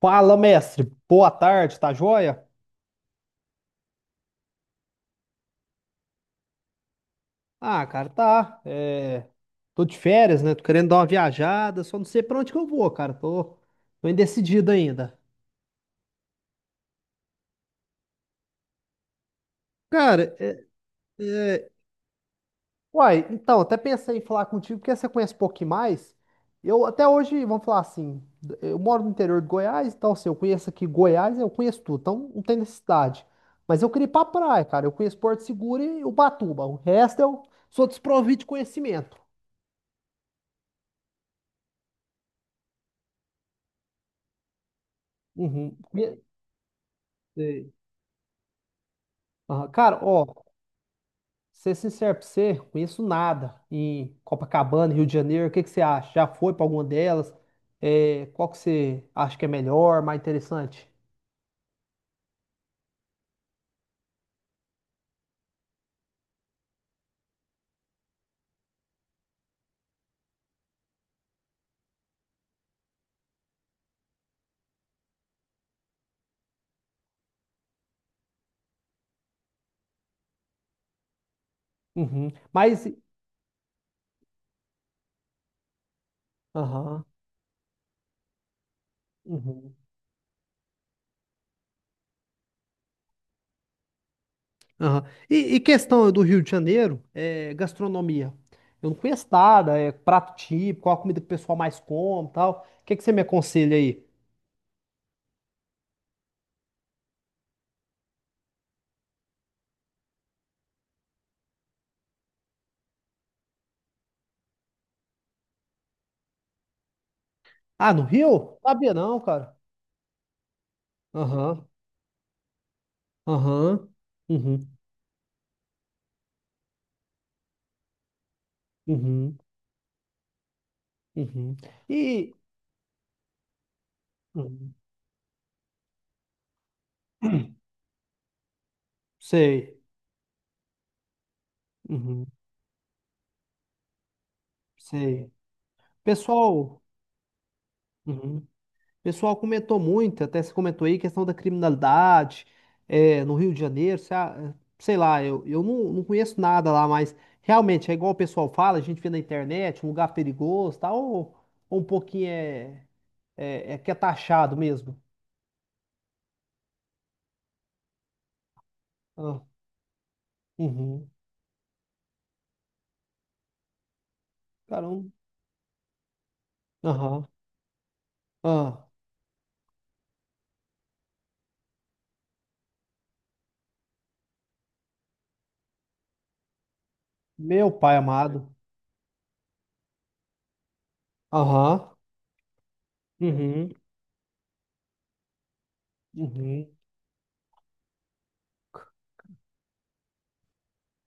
Fala, mestre. Boa tarde, tá joia? Ah, cara, tá. Tô de férias, né? Tô querendo dar uma viajada, só não sei pra onde que eu vou, cara. Tô indecidido ainda. Cara, é, então, até pensei em falar contigo, porque você conhece um pouquinho mais. Eu até hoje, vamos falar assim, eu moro no interior de Goiás, então, assim, eu conheço aqui Goiás, eu conheço tudo, então não tem necessidade. Mas eu queria ir pra praia, cara. Eu conheço Porto Seguro e Ubatuba. O resto eu sou desprovido de conhecimento. Uhum. Sei. Aham. Cara, ó, ser sincero pra você, conheço nada em Copacabana, Rio de Janeiro. O que que você acha? Já foi pra alguma delas? É, qual que você acha que é melhor, mais interessante? Uhum. Mas, aham, uhum, aham. E questão do Rio de Janeiro, é, gastronomia. Eu não conheço nada, é prato típico, qual a comida que o pessoal mais come, e tal. O que que você me aconselha aí? Ah, no Rio? Sabia não, cara. Aham, aham, uhum, uhum. Uhum. E uhum. Sei, uhum. Sei. Pessoal, uhum. Pessoal comentou muito, até você comentou aí, questão da criminalidade é, no Rio de Janeiro, se a- eh, sei lá, eu não, não conheço nada lá, mas realmente é igual o pessoal fala, a gente vê na internet, um lugar perigoso, tal, ou um pouquinho é, é, é que é taxado mesmo. Ah, uhum. Caramba. Aham. Ah, meu pai amado. Aham. Uhum. Uhum.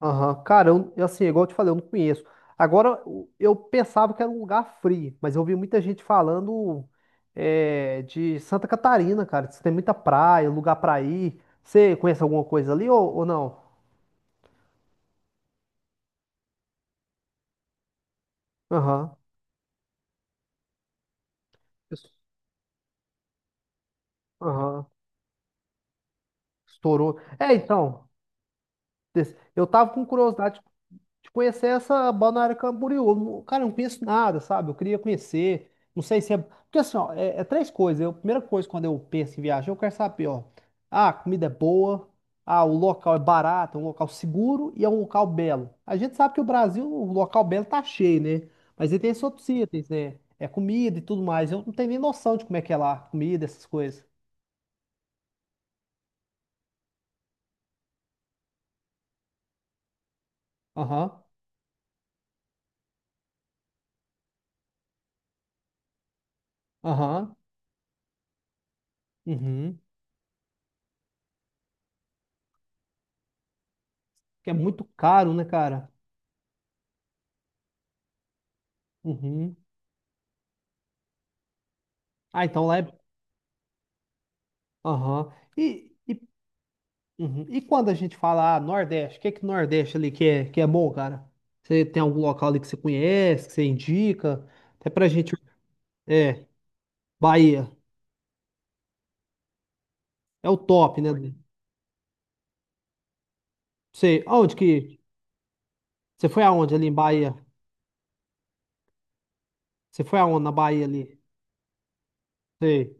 Aham, cara, eu, assim, igual eu te falei, eu não conheço. Agora, eu pensava que era um lugar frio, mas eu vi muita gente falando é, de Santa Catarina, cara. Diz que tem muita praia, lugar pra ir. Você conhece alguma coisa ali ou não? Aham. Isso. Aham. Estourou. É, então, eu tava com curiosidade de conhecer essa Balneário Camboriú. Cara, eu não conheço nada, sabe? Eu queria conhecer. Não sei se é. Porque assim, ó, é três coisas. A primeira coisa quando eu penso em viagem, eu quero saber, ó. Ah, a comida é boa. Ah, o local é barato, é um local seguro e é um local belo. A gente sabe que o Brasil, o local belo tá cheio, né? Mas aí tem esses outros itens, né? É comida e tudo mais. Eu não tenho nem noção de como é que é lá, comida, essas coisas. Aham, aham, uhum. Porque é muito caro, né, cara? Uhum. Ah, então lá é aham. E, e, uhum. E quando a gente fala ah, Nordeste, o que que Nordeste ali que é bom, cara? Você tem algum local ali que você conhece, que você indica? Até pra gente. É, Bahia. É o top, né? Sei. Aonde que. Você foi aonde ali em Bahia? Você foi aonde na Bahia ali? Sei.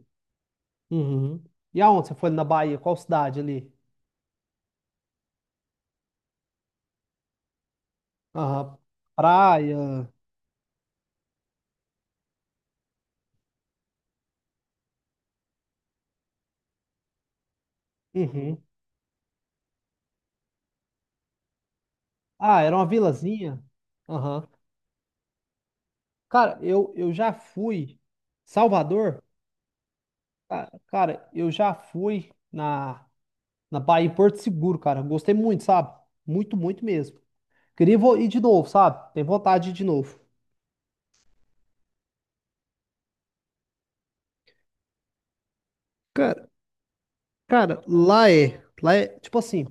Uhum. E aonde você foi na Bahia? Qual cidade ali? Aham. Praia. Uhum. Ah, era uma vilazinha. Aham. Cara, eu já fui. Salvador. Ah, cara, eu já fui na, na Bahia em Porto Seguro, cara. Gostei muito, sabe? Muito, muito mesmo. Queria ir de novo, sabe? Tem vontade de ir de novo. Cara, cara, tipo assim,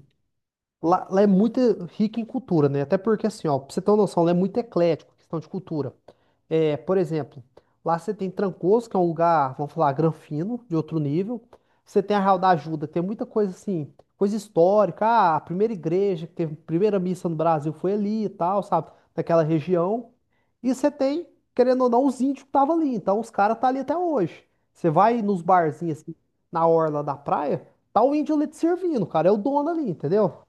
lá é muito rica em cultura, né? Até porque, assim, ó, pra você ter uma noção, lá é muito eclético, questão de cultura. É, por exemplo, lá você tem Trancoso, que é um lugar, vamos falar, granfino, de outro nível. Você tem a Real da Ajuda, que tem muita coisa, assim, coisa histórica. Ah, a primeira igreja, que teve a primeira missa no Brasil foi ali e tal, sabe? Naquela região. E você tem, querendo ou não, os índios que estavam ali. Então, os caras tá ali até hoje. Você vai nos barzinhos, assim, na orla da praia, tá o índio ali te servindo, cara. É o dono ali, entendeu?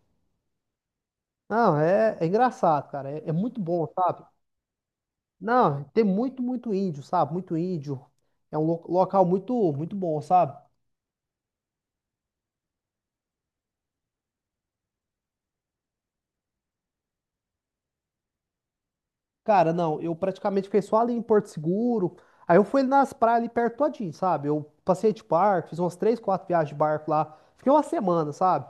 Não, é engraçado, cara. É, é muito bom, sabe? Não, tem muito, muito índio, sabe? Muito índio. É um local muito, muito bom, sabe? Cara, não, eu praticamente fiquei só ali em Porto Seguro. Aí eu fui nas praias ali perto todinho, sabe? Eu passei de barco, fiz umas três, quatro viagens de barco lá. Fiquei uma semana, sabe?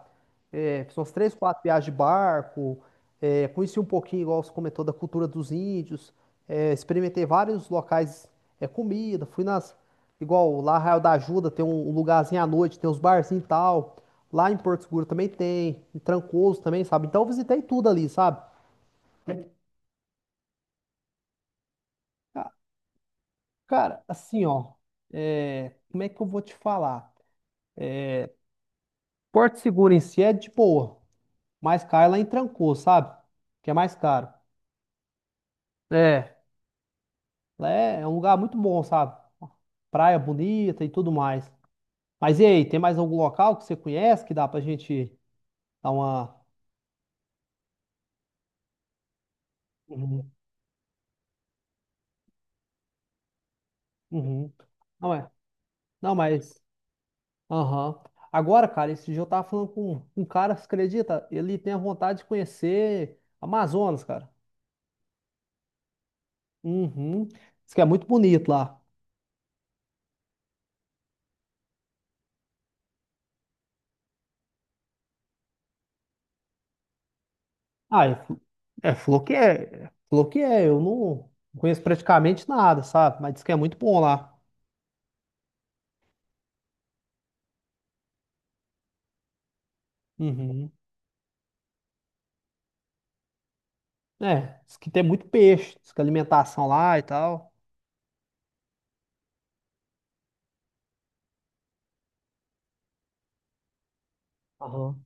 É, fiz umas três, quatro viagens de barco. É, conheci um pouquinho, igual você comentou, da cultura dos índios. É, experimentei vários locais, é, comida. Fui nas, igual lá Arraial da Ajuda, tem um lugarzinho à noite, tem uns barzinhos e tal. Lá em Porto Seguro também tem, em Trancoso também, sabe? Então eu visitei tudo ali, sabe? Cara, assim, ó, é, como é que eu vou te falar? Porto Seguro em si é de boa, mas caro é lá em Trancoso, sabe? Que é mais caro. É, é um lugar muito bom, sabe? Praia bonita e tudo mais. Mas e aí, tem mais algum local que você conhece que dá pra gente dar uma. Uhum, uhum. Não é? Não, mas. Aham. Agora, cara, esse dia eu tava falando com um cara, você acredita? Ele tem a vontade de conhecer Amazonas, cara. Uhum. Diz que é muito bonito lá. Ah, falou que é, eu não conheço praticamente nada, sabe? Mas diz que é muito bom lá. Uhum. É, diz que tem muito peixe, diz que a alimentação lá e tal. Aham.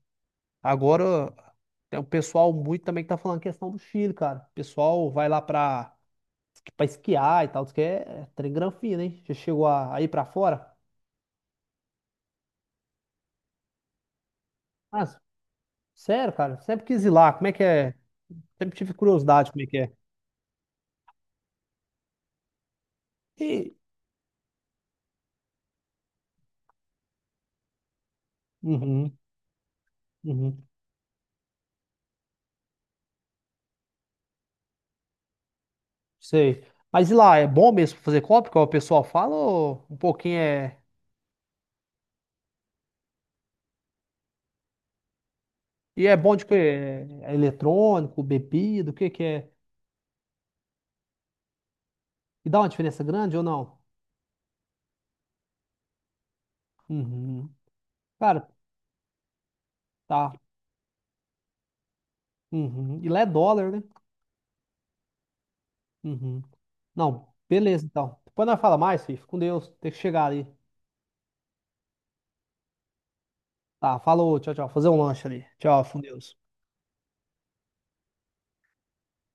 Agora, tem um pessoal muito também que tá falando questão do Chile, cara. O pessoal vai lá pra esquiar e tal, diz que é, é trem granfino, hein? Já chegou a ir pra fora? Mas, sério, cara, sempre quis ir lá, como é que é? Sempre tive curiosidade como é que é. E... Uhum, uhum. Sei. Mas e lá, é bom mesmo fazer compra, como o pessoal fala, ou um pouquinho é. E é bom de quê? É eletrônico, bebida, o que que é? E dá uma diferença grande ou não? Uhum. Cara, tá. Uhum. E lá é dólar, né? Uhum. Não, beleza então. Depois nós fala mais, filho. Fica com Deus. Tem que chegar ali. Tá, falou, tchau, tchau. Fazer um lanche ali. Tchau, fica com Deus.